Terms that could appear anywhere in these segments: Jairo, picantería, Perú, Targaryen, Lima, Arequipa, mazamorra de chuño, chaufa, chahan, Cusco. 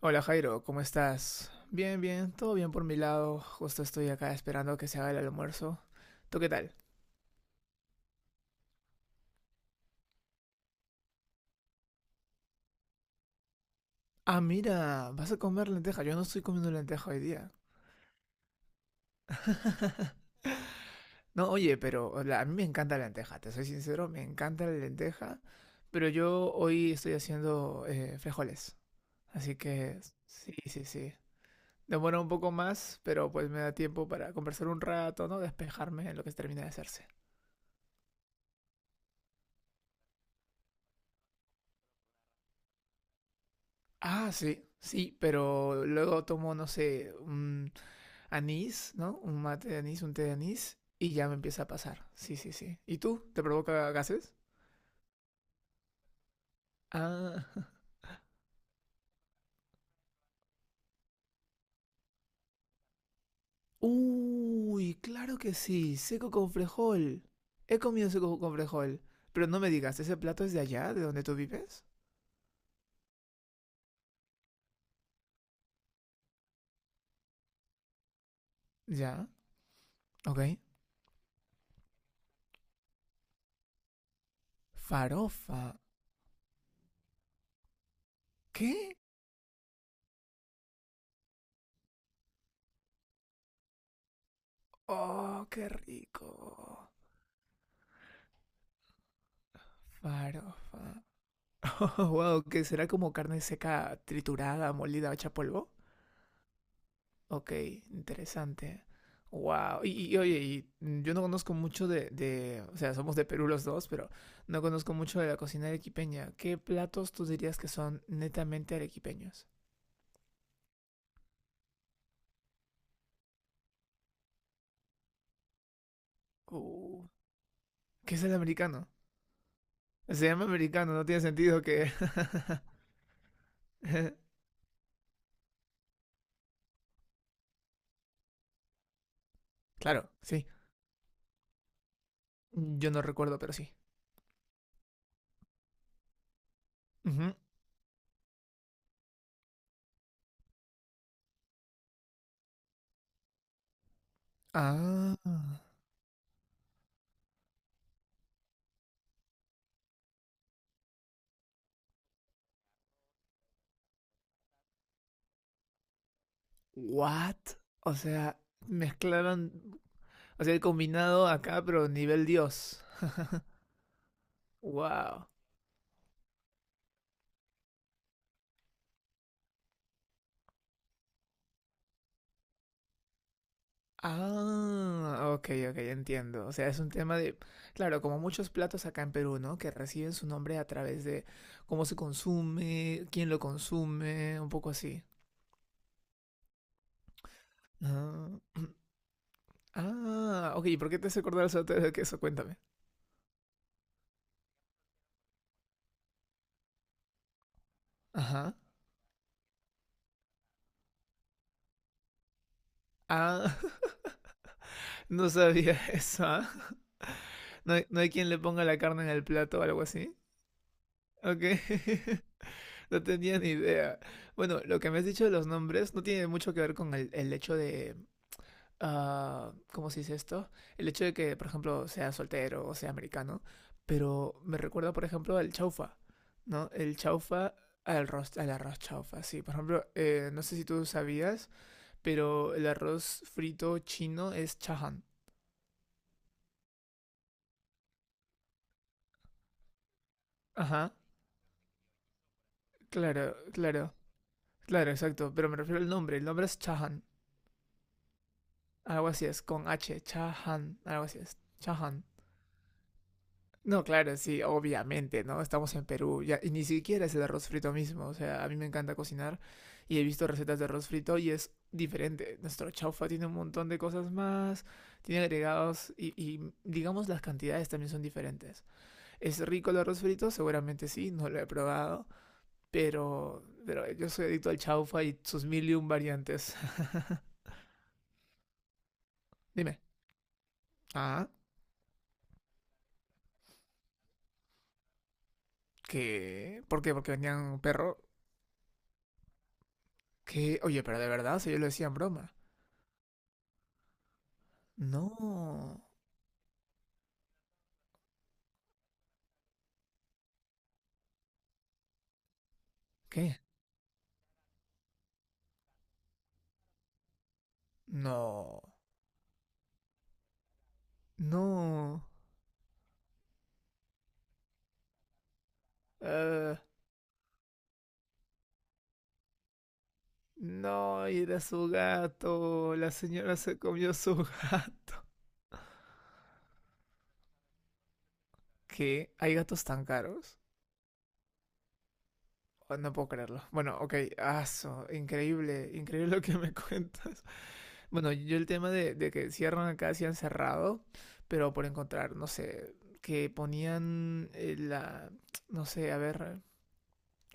Hola Jairo, ¿cómo estás? Bien, bien, todo bien por mi lado. Justo estoy acá esperando que se haga el almuerzo. ¿Tú qué tal? Ah, mira, vas a comer lenteja. Yo no estoy comiendo lenteja hoy día. No, oye, pero a mí me encanta la lenteja, te soy sincero, me encanta la lenteja, pero yo hoy estoy haciendo frijoles, así que sí, sí, sí. Demora un poco más, pero pues me da tiempo para conversar un rato, ¿no? Despejarme en lo que termina de hacerse. Ah, sí, sí, pero luego tomo, no sé, un anís, ¿no? Un mate de anís, un té de anís, y ya me empieza a pasar. Sí, sí, sí. ¿Y tú? ¿Te provoca gases? Ah. Uy, claro que sí, seco con frejol. He comido seco con frejol. Pero no me digas, ¿ese plato es de allá, de donde tú vives? Ya, ok. Farofa. ¿Qué? Oh, qué rico. Farofa. Oh, wow, que será como carne seca triturada, molida, hecha polvo. Ok, interesante. Wow. Oye, y yo no conozco mucho o sea, somos de Perú los dos, pero no conozco mucho de la cocina arequipeña. ¿Qué platos tú dirías que son netamente arequipeños? Uh, ¿Qué es el americano? Se llama americano, no tiene sentido que... Claro, sí. Yo no recuerdo, pero sí. Ujú. Ah, what? O sea, mezclaron. O sea, el combinado acá, pero nivel Dios. Wow. Ah, ok, ok, entiendo. O sea, es un tema de, claro, como muchos platos acá en Perú, ¿no? Que reciben su nombre a través de cómo se consume, quién lo consume, un poco así. Ah, ah, ok, ¿y por qué te hace acordar el saltero de queso? Cuéntame. Ajá. Ah, no sabía eso, ¿ah? ¿No hay, no hay quien le ponga la carne en el plato o algo así? Ok. No tenía ni idea. Bueno, lo que me has dicho de los nombres no tiene mucho que ver con el hecho de... ah, ¿cómo se dice esto? El hecho de que, por ejemplo, sea soltero o sea americano. Pero me recuerda, por ejemplo, al chaufa, ¿no? El chaufa al arroz chaufa, sí. Por ejemplo, no sé si tú sabías, pero el arroz frito chino es chahan. Ajá, claro, claro, claro, exacto. Pero me refiero al nombre. El nombre es chahan. Algo así es, con H, chahan, algo así es, chahan. No, claro, sí, obviamente, ¿no? Estamos en Perú, ya, y ni siquiera es el arroz frito mismo, o sea, a mí me encanta cocinar y he visto recetas de arroz frito y es diferente. Nuestro chaufa tiene un montón de cosas más, tiene agregados y digamos las cantidades también son diferentes. ¿Es rico el arroz frito? Seguramente sí, no lo he probado, pero yo soy adicto al chaufa y sus mil y un variantes. Dime. Ah, ¿qué? ¿Por qué? ¿Porque vendían un perro? ¿Qué? Oye, pero de verdad, o sea, yo lo decía en broma. No. ¿Qué? No. No. Eh, no, era su gato. La señora se comió su gato. ¿Qué? ¿Hay gatos tan caros? Oh, no puedo creerlo. Bueno, ok, aso, increíble, increíble lo que me cuentas. Bueno, yo el tema de que cierran acá, sí han cerrado, pero por encontrar, no sé, que ponían la, no sé, a ver,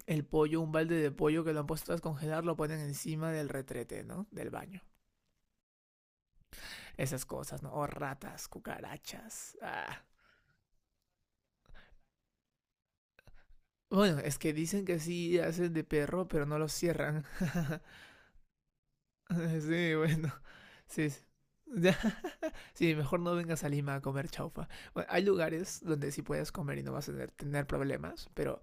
el pollo, un balde de pollo que lo han puesto a descongelar, lo ponen encima del retrete, ¿no? Del baño. Esas cosas, ¿no? O ratas, cucarachas. Ah. Bueno, es que dicen que sí hacen de perro, pero no lo cierran. Sí, bueno. Sí. Sí, mejor no vengas a Lima a comer chaufa. Bueno, hay lugares donde sí puedes comer y no vas a tener, tener problemas, pero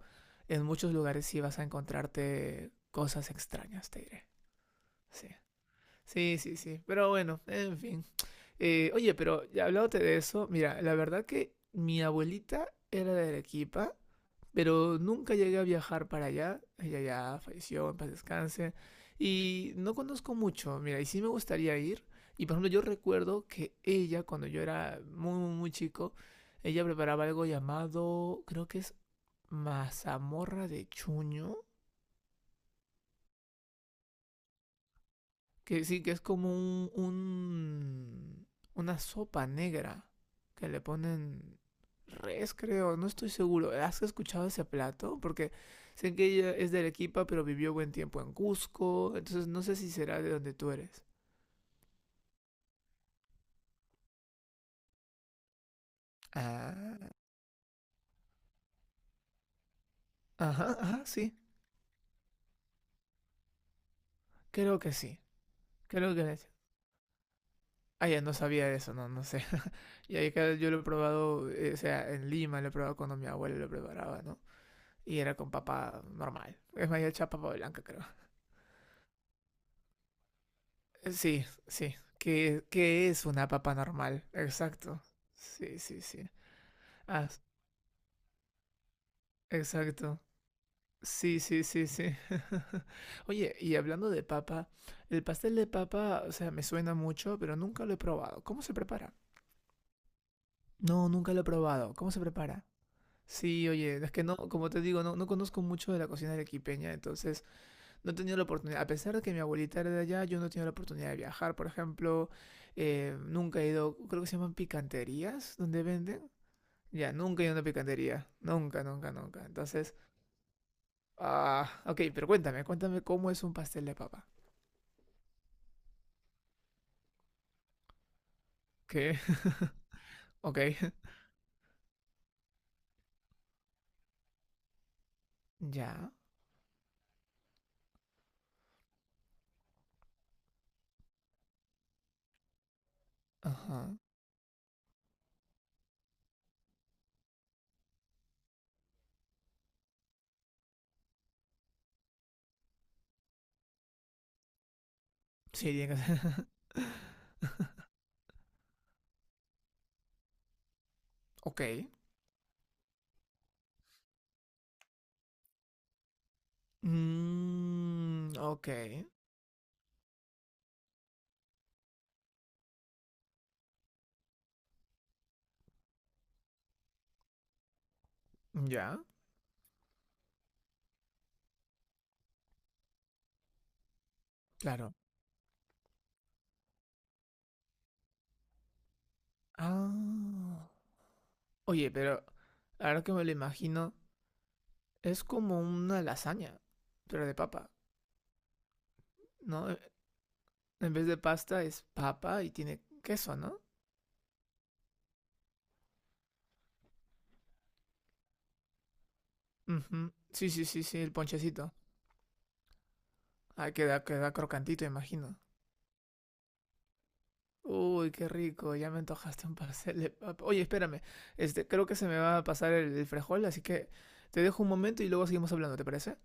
en muchos lugares sí vas a encontrarte cosas extrañas, te diré. Sí. Sí, sí, sí. Pero bueno, en fin. Oye, pero ya hablándote de eso, mira, la verdad que mi abuelita era de Arequipa, pero nunca llegué a viajar para allá. Ella ya falleció, en paz descanse. Y no conozco mucho, mira, y sí me gustaría ir. Y por ejemplo, yo recuerdo que ella, cuando yo era muy, muy, muy chico, ella preparaba algo llamado, creo que es mazamorra de chuño, que sí, que es como una sopa negra que le ponen res, creo, no estoy seguro. ¿Has escuchado ese plato? Porque sé que ella es de Arequipa, pero vivió buen tiempo en Cusco, entonces no sé si será de donde tú eres. Ah, ajá, ajá, sí, creo que sí, creo que sí. Ah, ya no sabía de eso, no, no sé. Y ahí claro, yo lo he probado, o sea, en Lima lo he probado cuando mi abuela lo preparaba, ¿no? Y era con papa normal. Es más, ya hecha papa blanca, creo. Sí, sí. ¿Qué, qué es una papa normal? Exacto. Sí, sí, sí. Ah, exacto. Sí, sí, sí, sí. Oye, y hablando de papa, el pastel de papa, o sea, me suena mucho, pero nunca lo he probado. ¿Cómo se prepara? No, nunca lo he probado. ¿Cómo se prepara? Sí, oye, es que no, como te digo, no, no conozco mucho de la cocina arequipeña, entonces no he tenido la oportunidad. A pesar de que mi abuelita era de allá, yo no he tenido la oportunidad de viajar, por ejemplo. Eh, nunca he ido, creo que se llaman picanterías, donde venden. Ya, nunca he ido a una picantería. Nunca, nunca, nunca. Entonces, ah, ok, pero cuéntame, cuéntame cómo es un pastel de papa. ¿Qué? Ok. Ya. Ajá. Sí, tiene que ser. Ok. Mm, ok. Ya. Claro. Ah. Oye, pero ahora que me lo imagino, es como una lasaña, pero de papa, ¿no? E- En vez de pasta es papa y tiene queso, ¿no? Ujú. Sí, sí, sí, sí, el ponchecito. Ah, queda, queda crocantito, imagino. Uy, qué rico, ya me antojaste un pastel de papa. Oye, espérame, este, creo que se me va a pasar el frijol, así que te dejo un momento y luego seguimos hablando, ¿te parece?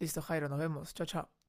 Listo, Jairo, nos vemos. Chao, chao.